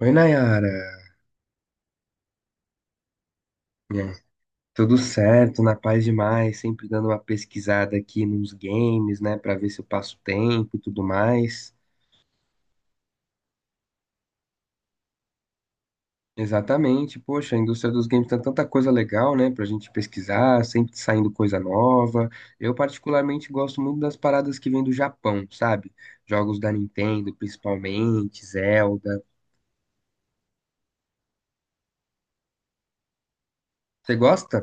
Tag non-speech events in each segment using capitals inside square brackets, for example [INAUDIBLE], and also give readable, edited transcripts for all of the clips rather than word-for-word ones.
Oi, Nayara. E aí? Tudo certo, na paz demais, sempre dando uma pesquisada aqui nos games, né, pra ver se eu passo tempo e tudo mais. Exatamente, poxa, a indústria dos games tem tanta coisa legal, né, pra gente pesquisar, sempre saindo coisa nova. Eu particularmente gosto muito das paradas que vêm do Japão, sabe? Jogos da Nintendo, principalmente, Zelda. Você gosta?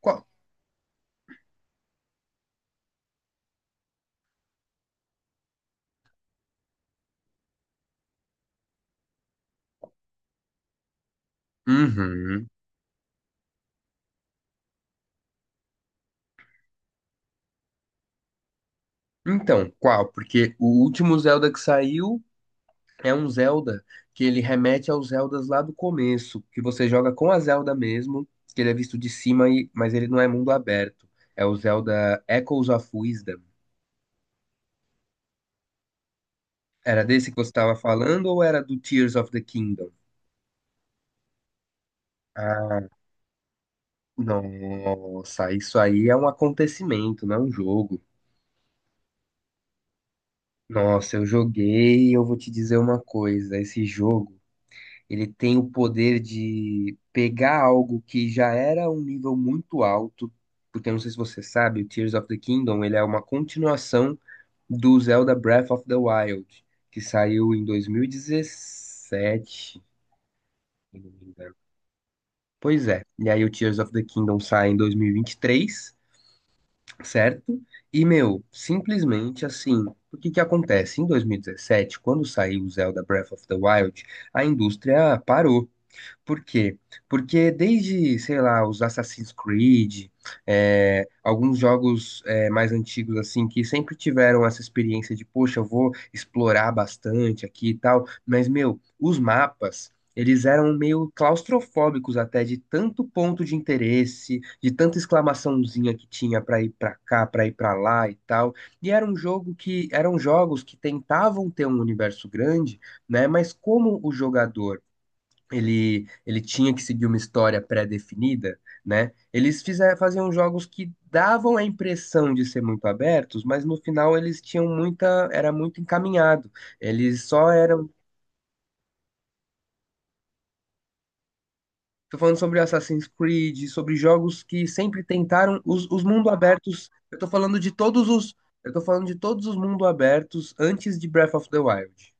Qual? Uhum. Então, qual? Porque o último Zelda que saiu, é um Zelda que ele remete aos Zeldas lá do começo, que você joga com a Zelda mesmo, que ele é visto de cima, e, mas ele não é mundo aberto. É o Zelda Echoes of Wisdom. Era desse que você estava falando ou era do Tears of the Kingdom? Ah, nossa, isso aí é um acontecimento, não é um jogo. Nossa, eu joguei e eu vou te dizer uma coisa, esse jogo, ele tem o poder de pegar algo que já era um nível muito alto, porque eu não sei se você sabe, o Tears of the Kingdom, ele é uma continuação do Zelda Breath of the Wild, que saiu em 2017, se não me engano. Pois é, e aí o Tears of the Kingdom sai em 2023, certo? E, meu, simplesmente assim, o que que acontece? Em 2017, quando saiu o Zelda Breath of the Wild, a indústria parou. Por quê? Porque desde, sei lá, os Assassin's Creed, é, alguns jogos é, mais antigos, assim, que sempre tiveram essa experiência de, poxa, eu vou explorar bastante aqui e tal, mas, meu, os mapas. Eles eram meio claustrofóbicos até, de tanto ponto de interesse, de tanta exclamaçãozinha que tinha pra ir pra cá, pra ir pra lá e tal. E era um jogo que eram jogos que tentavam ter um universo grande, né? Mas como o jogador ele tinha que seguir uma história pré-definida, né? Faziam jogos que davam a impressão de ser muito abertos, mas no final eles tinham muita, era muito encaminhado. Eles só eram, tô falando sobre Assassin's Creed, sobre jogos que sempre tentaram os mundos abertos. Eu tô falando de todos os, eu tô falando de todos os mundos abertos antes de Breath of the Wild.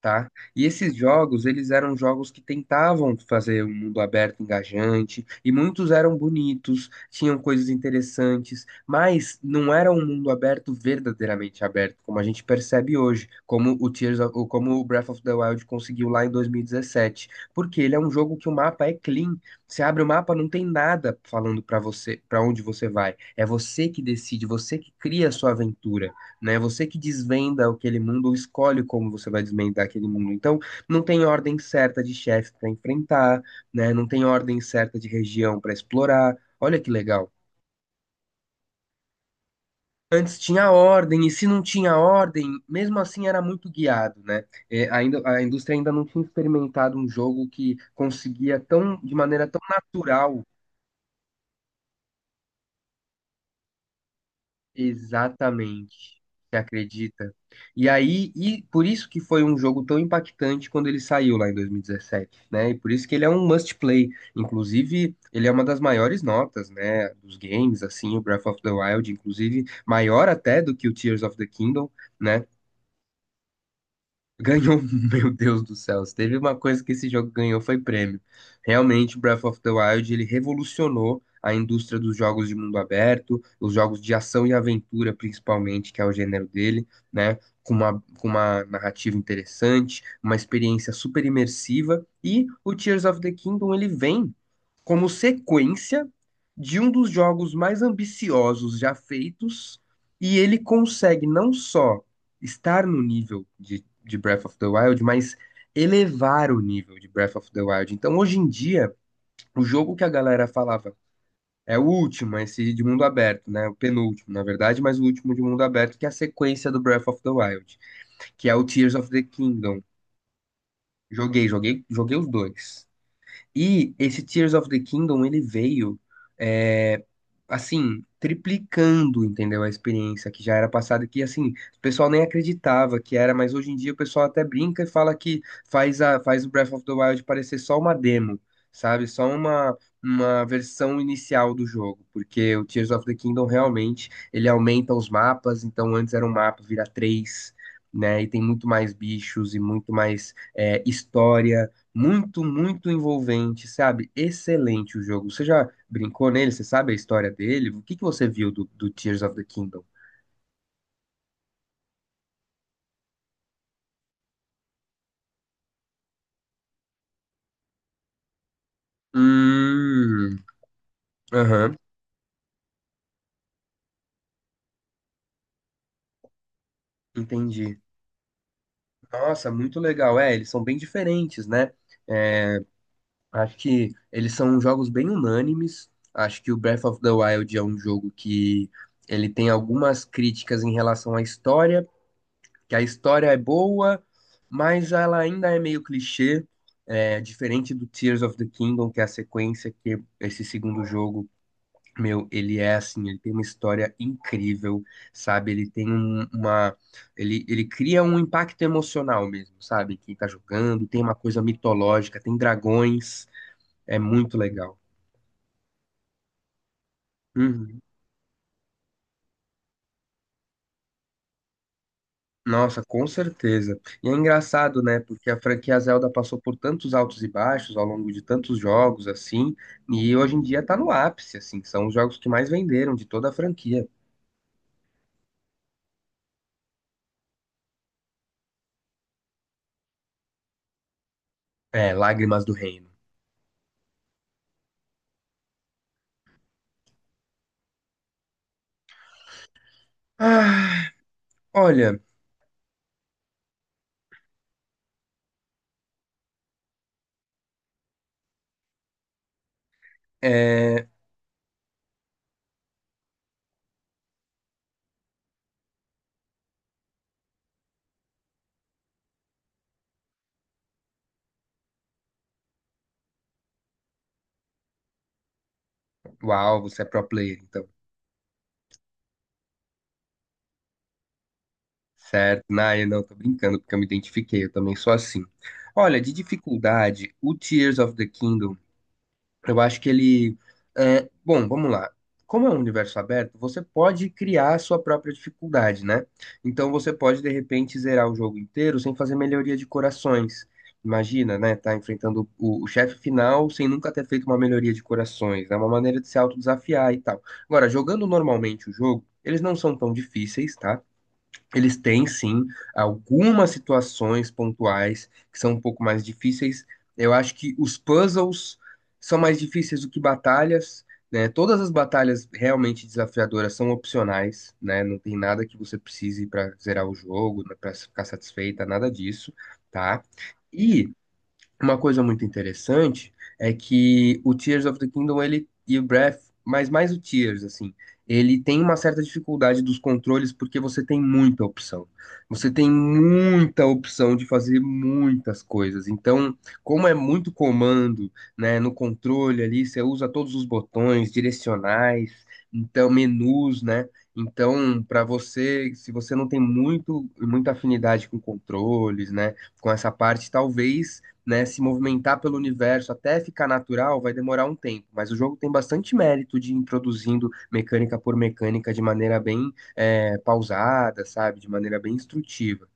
Tá? E esses jogos, eles eram jogos que tentavam fazer um mundo aberto, engajante, e muitos eram bonitos, tinham coisas interessantes, mas não era um mundo aberto verdadeiramente aberto, como a gente percebe hoje, como o Tears of, ou como o Breath of the Wild conseguiu lá em 2017, porque ele é um jogo que o mapa é clean. Você abre o mapa, não tem nada falando pra você, para onde você vai. É você que decide, você que cria a sua aventura, né? Você que desvenda aquele mundo ou escolhe como você vai desvendar aquele mundo. Então, não tem ordem certa de chefe para enfrentar, né? Não tem ordem certa de região para explorar. Olha que legal. Antes tinha ordem, e se não tinha ordem, mesmo assim era muito guiado, né? É, ainda, a indústria ainda não tinha experimentado um jogo que conseguia tão, de maneira tão natural. Exatamente. Você acredita? E aí, e por isso que foi um jogo tão impactante quando ele saiu lá em 2017, né? E por isso que ele é um must play. Inclusive, ele é uma das maiores notas, né, dos games, assim, o Breath of the Wild, inclusive maior até do que o Tears of the Kingdom, né? Ganhou, [LAUGHS] meu Deus do céu. Se teve uma coisa que esse jogo ganhou foi prêmio. Realmente, Breath of the Wild, ele revolucionou a indústria dos jogos de mundo aberto, os jogos de ação e aventura, principalmente, que é o gênero dele, né? Com uma narrativa interessante, uma experiência super imersiva. E o Tears of the Kingdom, ele vem como sequência de um dos jogos mais ambiciosos já feitos, e ele consegue não só estar no nível de Breath of the Wild, mas elevar o nível de Breath of the Wild. Então, hoje em dia, o jogo que a galera falava é o último, esse de mundo aberto, né? O penúltimo, na verdade, mas o último de mundo aberto, que é a sequência do Breath of the Wild, que é o Tears of the Kingdom. Joguei, joguei, joguei os dois. E esse Tears of the Kingdom, ele veio, é, assim, triplicando, entendeu? A experiência que já era passada, que, assim, o pessoal nem acreditava que era, mas hoje em dia o pessoal até brinca e fala que faz, a, faz o Breath of the Wild parecer só uma demo, sabe? Só uma versão inicial do jogo, porque o Tears of the Kingdom realmente, ele aumenta os mapas, então antes era um mapa, vira três, né? E tem muito mais bichos e muito mais é, história muito, muito envolvente, sabe? Excelente o jogo. Você já brincou nele? Você sabe a história dele? O que que você viu do, do Tears of the Kingdom? Hum, aham, entendi. Nossa, muito legal. É, eles são bem diferentes, né? É, acho que eles são jogos bem unânimes. Acho que o Breath of the Wild é um jogo que ele tem algumas críticas em relação à história, que a história é boa, mas ela ainda é meio clichê, é, diferente do Tears of the Kingdom, que é a sequência que esse segundo jogo, meu, ele é assim, ele tem uma história incrível, sabe? Ele, ele cria um impacto emocional mesmo, sabe? Quem tá jogando, tem uma coisa mitológica, tem dragões, é muito legal. Uhum. Nossa, com certeza. E é engraçado, né? Porque a franquia Zelda passou por tantos altos e baixos ao longo de tantos jogos, assim, e hoje em dia tá no ápice, assim, são os jogos que mais venderam de toda a franquia. É, Lágrimas do Reino. Ah, olha, é... Uau, você é pro player, então. Certo, Naya, não, tô brincando, porque eu me identifiquei, eu também sou assim. Olha, de dificuldade, o Tears of the Kingdom, eu acho que ele. É, bom, vamos lá. Como é um universo aberto, você pode criar a sua própria dificuldade, né? Então você pode, de repente, zerar o jogo inteiro sem fazer melhoria de corações. Imagina, né? Tá enfrentando o chefe final sem nunca ter feito uma melhoria de corações. É uma maneira de se autodesafiar e tal. Agora, jogando normalmente o jogo, eles não são tão difíceis, tá? Eles têm, sim, algumas situações pontuais que são um pouco mais difíceis. Eu acho que os puzzles são mais difíceis do que batalhas, né? Todas as batalhas realmente desafiadoras são opcionais, né? Não tem nada que você precise para zerar o jogo, para ficar satisfeita, nada disso, tá? E uma coisa muito interessante é que o Tears of the Kingdom ele e o Breath, mas mais o Tears assim, ele tem uma certa dificuldade dos controles porque você tem muita opção. Você tem muita opção de fazer muitas coisas. Então, como é muito comando, né, no controle ali, você usa todos os botões direcionais, então menus, né? Então, para você, se você não tem muito muita afinidade com controles, né, com essa parte, talvez, né, se movimentar pelo universo até ficar natural vai demorar um tempo, mas o jogo tem bastante mérito de ir introduzindo mecânica por mecânica de maneira bem é, pausada, sabe? De maneira bem instrutiva.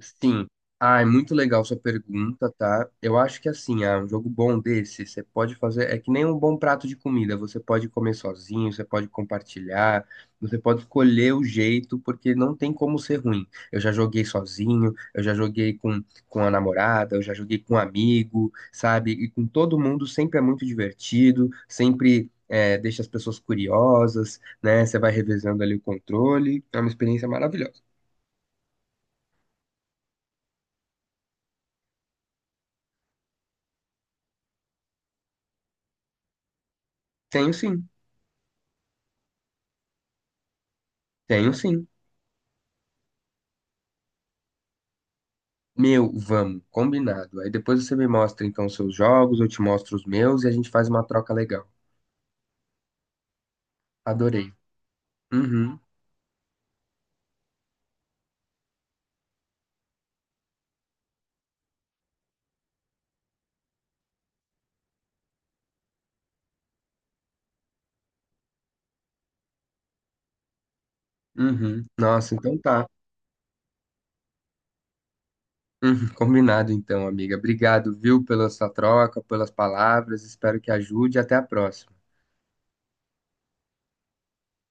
Sim. Ah, é muito legal sua pergunta, tá? Eu acho que assim, ah, um jogo bom desse, você pode fazer, é que nem um bom prato de comida, você pode comer sozinho, você pode compartilhar, você pode escolher o jeito, porque não tem como ser ruim. Eu já joguei sozinho, eu já joguei com a namorada, eu já joguei com um amigo, sabe? E com todo mundo sempre é muito divertido, sempre é, deixa as pessoas curiosas, né? Você vai revezando ali o controle, é uma experiência maravilhosa. Tenho sim, tenho sim. Meu, vamos, combinado. Aí depois você me mostra então os seus jogos, eu te mostro os meus e a gente faz uma troca legal. Adorei. Uhum, uhum. Nossa, então tá. Uhum, [LAUGHS] combinado então, amiga. Obrigado, viu, pela sua troca, pelas palavras. Espero que ajude. Até a próxima.